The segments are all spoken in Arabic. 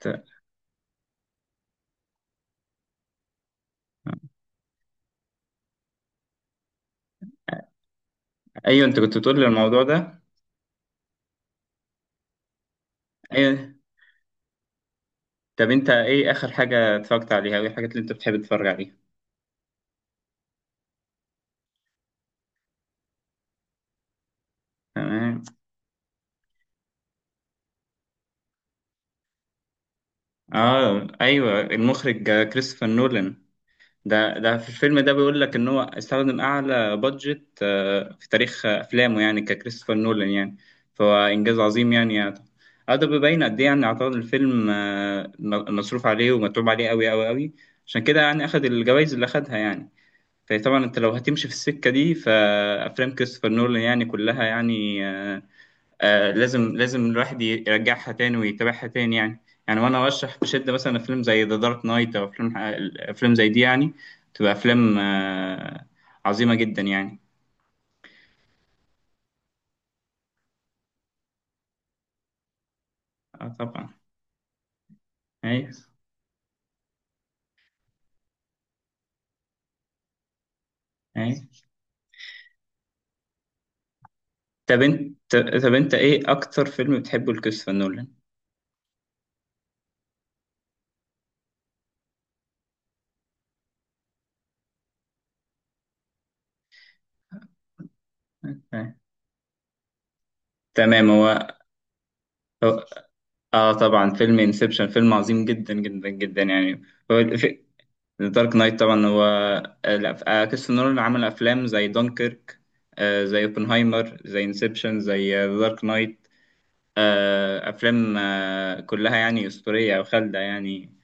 ت- ايوه، انت كنت بتقول لي الموضوع ده. ايوه. طب انت ايه اخر حاجه اتفرجت عليها، او ايه الحاجات اللي انت بتحب تتفرج عليها؟ تمام. اه، ايوه، المخرج كريستوفر نولان. ده في الفيلم ده بيقول لك ان هو استخدم اعلى بادجت في تاريخ افلامه، يعني ككريستوفر نولان يعني. فهو انجاز عظيم يعني. اه، ده بيبين قد ايه. يعني اعتقد الفيلم مصروف عليه ومتعوب عليه قوي قوي قوي. عشان كده يعني اخد الجوائز اللي اخدها يعني. فطبعا انت لو هتمشي في السكه دي، فافلام كريستوفر نولان يعني كلها، يعني لازم لازم الواحد يرجعها تاني ويتابعها تاني، يعني يعني، وانا ارشح بشده مثلا فيلم زي ذا دارك نايت، او افلام زي دي يعني، تبقى افلام عظيمه جدا يعني. اه طبعا. ايوه، ايوه. طب انت طب انت ايه اكتر فيلم بتحبه لكريستوفر نولان؟ آه. تمام. هو- اه، طبعا، فيلم انسبشن فيلم عظيم جدا جدا جدا يعني. هو الف- دارك نايت طبعا هو لا، كريستوفر نولان عمل افلام زي دونكيرك، زي اوبنهايمر، زي انسبشن، زي دارك نايت. افلام كلها يعني اسطوريه او خالده يعني.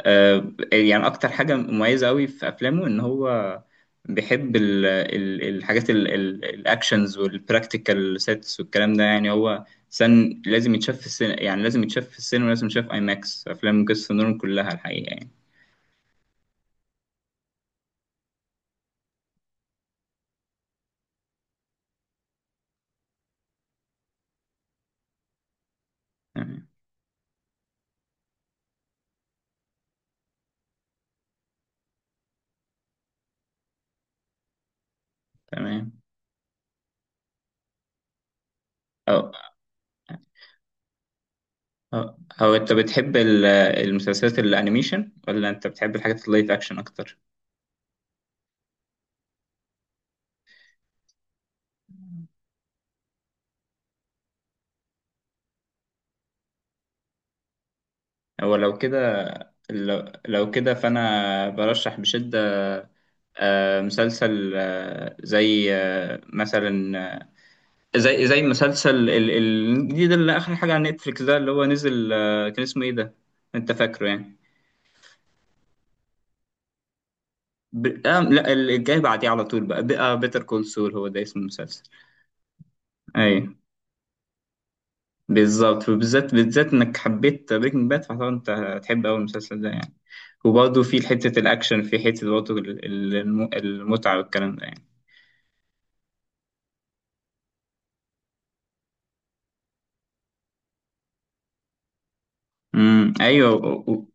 يعني اكتر حاجه مميزه قوي في افلامه ان هو بيحب الحاجات الاكشنز والبراكتيكال سيتس والكلام ده، يعني هو سن لازم يتشاف في السينما، يعني لازم يتشاف في السينما، لازم يتشاف اي ماكس. افلام كريستوفر نولان كلها الحقيقه يعني. تمام، تمام. أو أو أنت بتحب المسلسلات الأنيميشن، ولا أنت بتحب الحاجات اللايف أكشن أكتر؟ هو لو كده لو, لو كده فأنا برشح بشدة مسلسل زي مثلا، زي مسلسل الجديد، اللي آخر حاجة على نتفليكس ده، اللي هو نزل، كان اسمه إيه ده؟ أنت فاكره يعني؟ ب... آه لا، الجاي بعديه على طول. بقى بيتر كول سول، هو ده اسم المسلسل. أيوه، بالظبط. وبالذات بالذات انك حبيت بريكنج باد، فطبعا انت هتحب قوي المسلسل ده يعني. وبرضه في حتة الأكشن، في حتة برضه المتعة والكلام ده يعني. ايوه،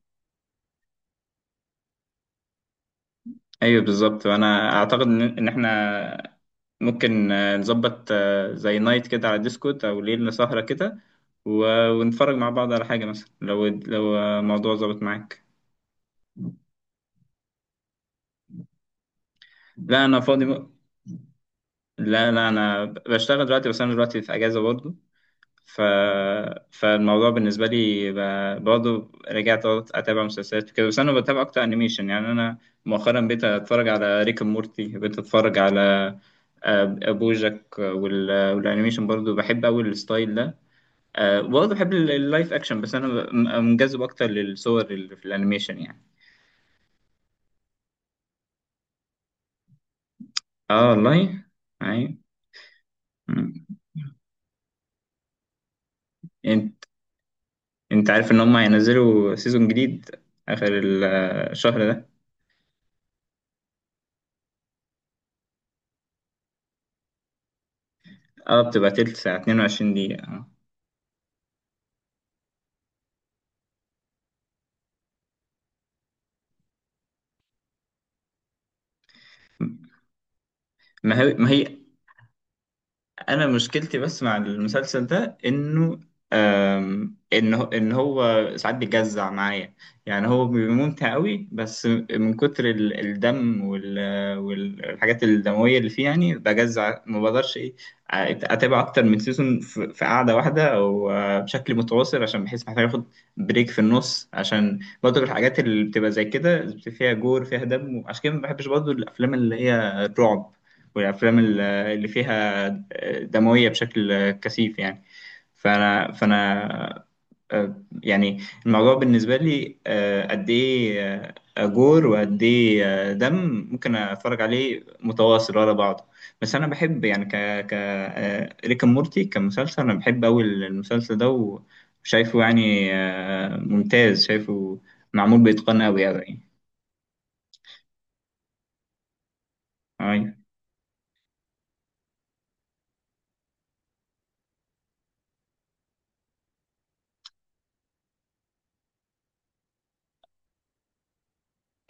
ايوه، بالظبط. وانا اعتقد ان احنا ممكن نظبط زي نايت كده على ديسكورد، او ليلة سهرة كده، ونتفرج مع بعض على حاجة، مثلا لو موضوع ظبط معاك. لا، انا فاضي. لا، لا، انا بشتغل دلوقتي، بس انا دلوقتي في اجازة برضه. ف... فالموضوع بالنسبة لي برضه رجعت برضه أتابع مسلسلات كده. بس أنا بتابع أكتر أنيميشن، يعني أنا مؤخرا بقيت أتفرج على ريك أند مورتي، بقيت أتفرج على آه، بوجاك، والأنيميشن برضه بحب أوي الستايل ده. برضه بحب اللايف أكشن، بس أنا منجذب أكتر للصور اللي في الأنيميشن يعني. آه والله. أيوة. مم. أنت أنت عارف إن هم هينزلوا سيزون جديد آخر الشهر ده. بتبقى تلت ساعة 22 دقيقة آه. ما هي انا مشكلتي بس مع المسلسل ده انه ان هو ساعات بيجزع معايا. يعني هو بيبقى ممتع قوي، بس من كتر الدم والحاجات الدمويه اللي فيه يعني بجزع، ما بقدرش ايه اتابع اكتر من سيزون في قعده واحده، او بشكل متواصل. عشان بحس محتاج اخد بريك في النص، عشان برضه الحاجات اللي بتبقى زي كده فيها جور فيها دم. عشان كده ما بحبش برضه الافلام اللي هي الرعب، والافلام اللي فيها دموية بشكل كثيف يعني. فأنا يعني الموضوع بالنسبة لي قد إيه جور، وقد إيه دم ممكن أتفرج عليه متواصل ورا بعضه. بس أنا بحب يعني ك ك آه، ريك أند مورتي كمسلسل. أنا بحب أوي المسلسل ده، وشايفه يعني ممتاز، شايفه معمول بإتقان أوي أوي. أي،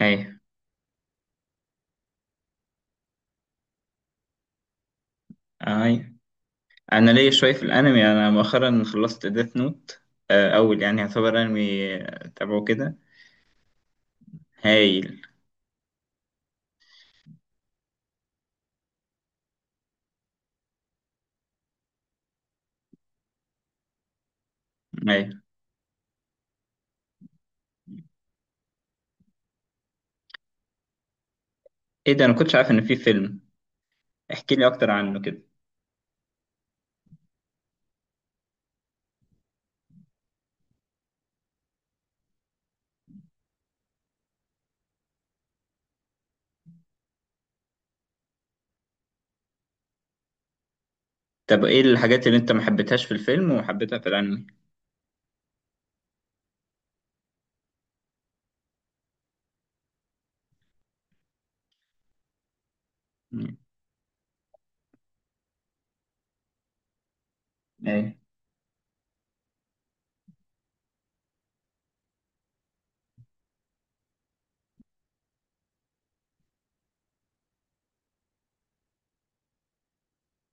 أي، أي. انا ليا شويه في الانمي. انا مؤخرا خلصت ديث نوت، اول يعني يعتبر انمي تابعه كده. هايل، هايل. ايه ده، انا كنتش عارف ان في فيلم. احكي لي اكتر عنه كده. طب ايه الحاجات اللي انت ما حبيتهاش في الفيلم وحبيتها في الانمي؟ مم. ايه،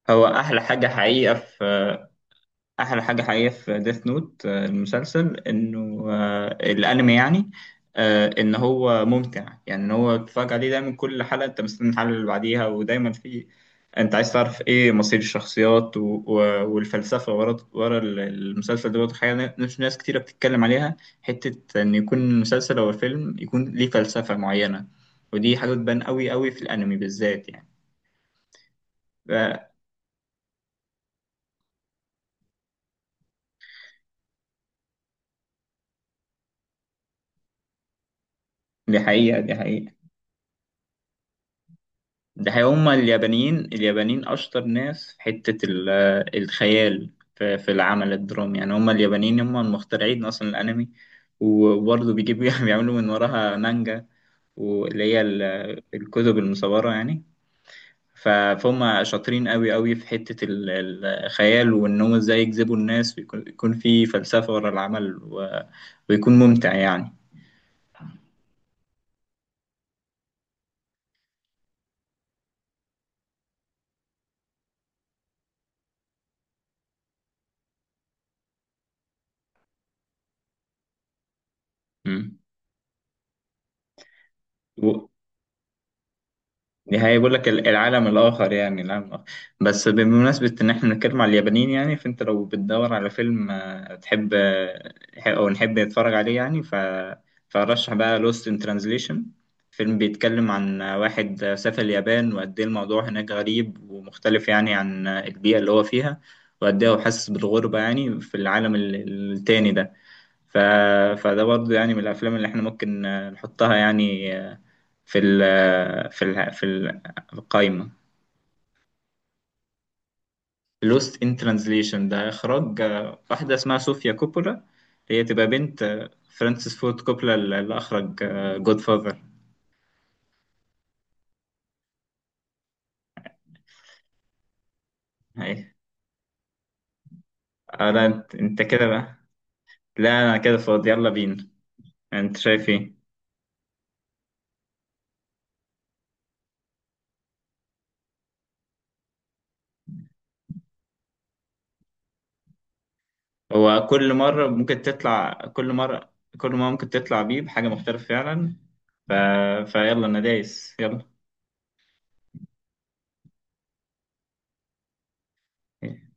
هو احلى حاجه حقيقه في احلى حاجه حقيقيه في ديث نوت المسلسل، انه الانمي يعني ان هو ممتع. يعني ان هو تتفرج عليه دايما، كل حلقه انت مستني الحلقه اللي بعديها، ودايما في، انت عايز تعرف ايه مصير الشخصيات، والفلسفه ورا المسلسل ده، برضه حاجه مش ناس كتيره بتتكلم عليها، حته ان يكون المسلسل او الفيلم يكون ليه فلسفه معينه، ودي حاجه بتبان قوي قوي في الانمي بالذات يعني. ف- دي حقيقه، دي حقيقه. ده هما اليابانيين، اليابانيين أشطر ناس في حتة الخيال، في العمل الدرامي. يعني هما اليابانيين هما المخترعين أصلا الأنمي، وبرضه بيجيبوا بيعملوا من وراها مانجا، واللي هي الكتب المصورة يعني. ف- فهم شاطرين أوي أوي في حتة الخيال، وإن هم إزاي يجذبوا الناس، ويكون في فلسفة ورا العمل، ويكون ممتع يعني. مم. دي هيقول لك العالم الآخر، يعني العالم الآخر. بس بمناسبة إن إحنا بنتكلم على اليابانيين يعني، فأنت لو بتدور على فيلم تحب أو نحب نتفرج عليه يعني، فرشح بقى Lost in Translation. فيلم بيتكلم عن واحد سافر اليابان، وقد إيه الموضوع هناك غريب ومختلف يعني عن البيئة اللي هو فيها، وقد إيه هو حاسس بالغربة يعني في العالم التاني ده. ف... فده برضه يعني من الأفلام اللي إحنا ممكن نحطها، يعني في ال في القايمة. Lost in Translation ده إخراج واحدة اسمها صوفيا كوبولا، هي تبقى بنت فرانسيس فورد كوبولا، اللي أخرج جود فاذر. أي. أنت كده بقى. لا، أنا كده فاضي، يلا بينا. أنت شايف إيه؟ هو كل مرة ممكن تطلع كل مرة كل مرة ممكن تطلع بيه بحاجة مختلفة فعلا. ف... فيلا، أنا دايس، يلا. إيه؟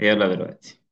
يلا دلوقتي.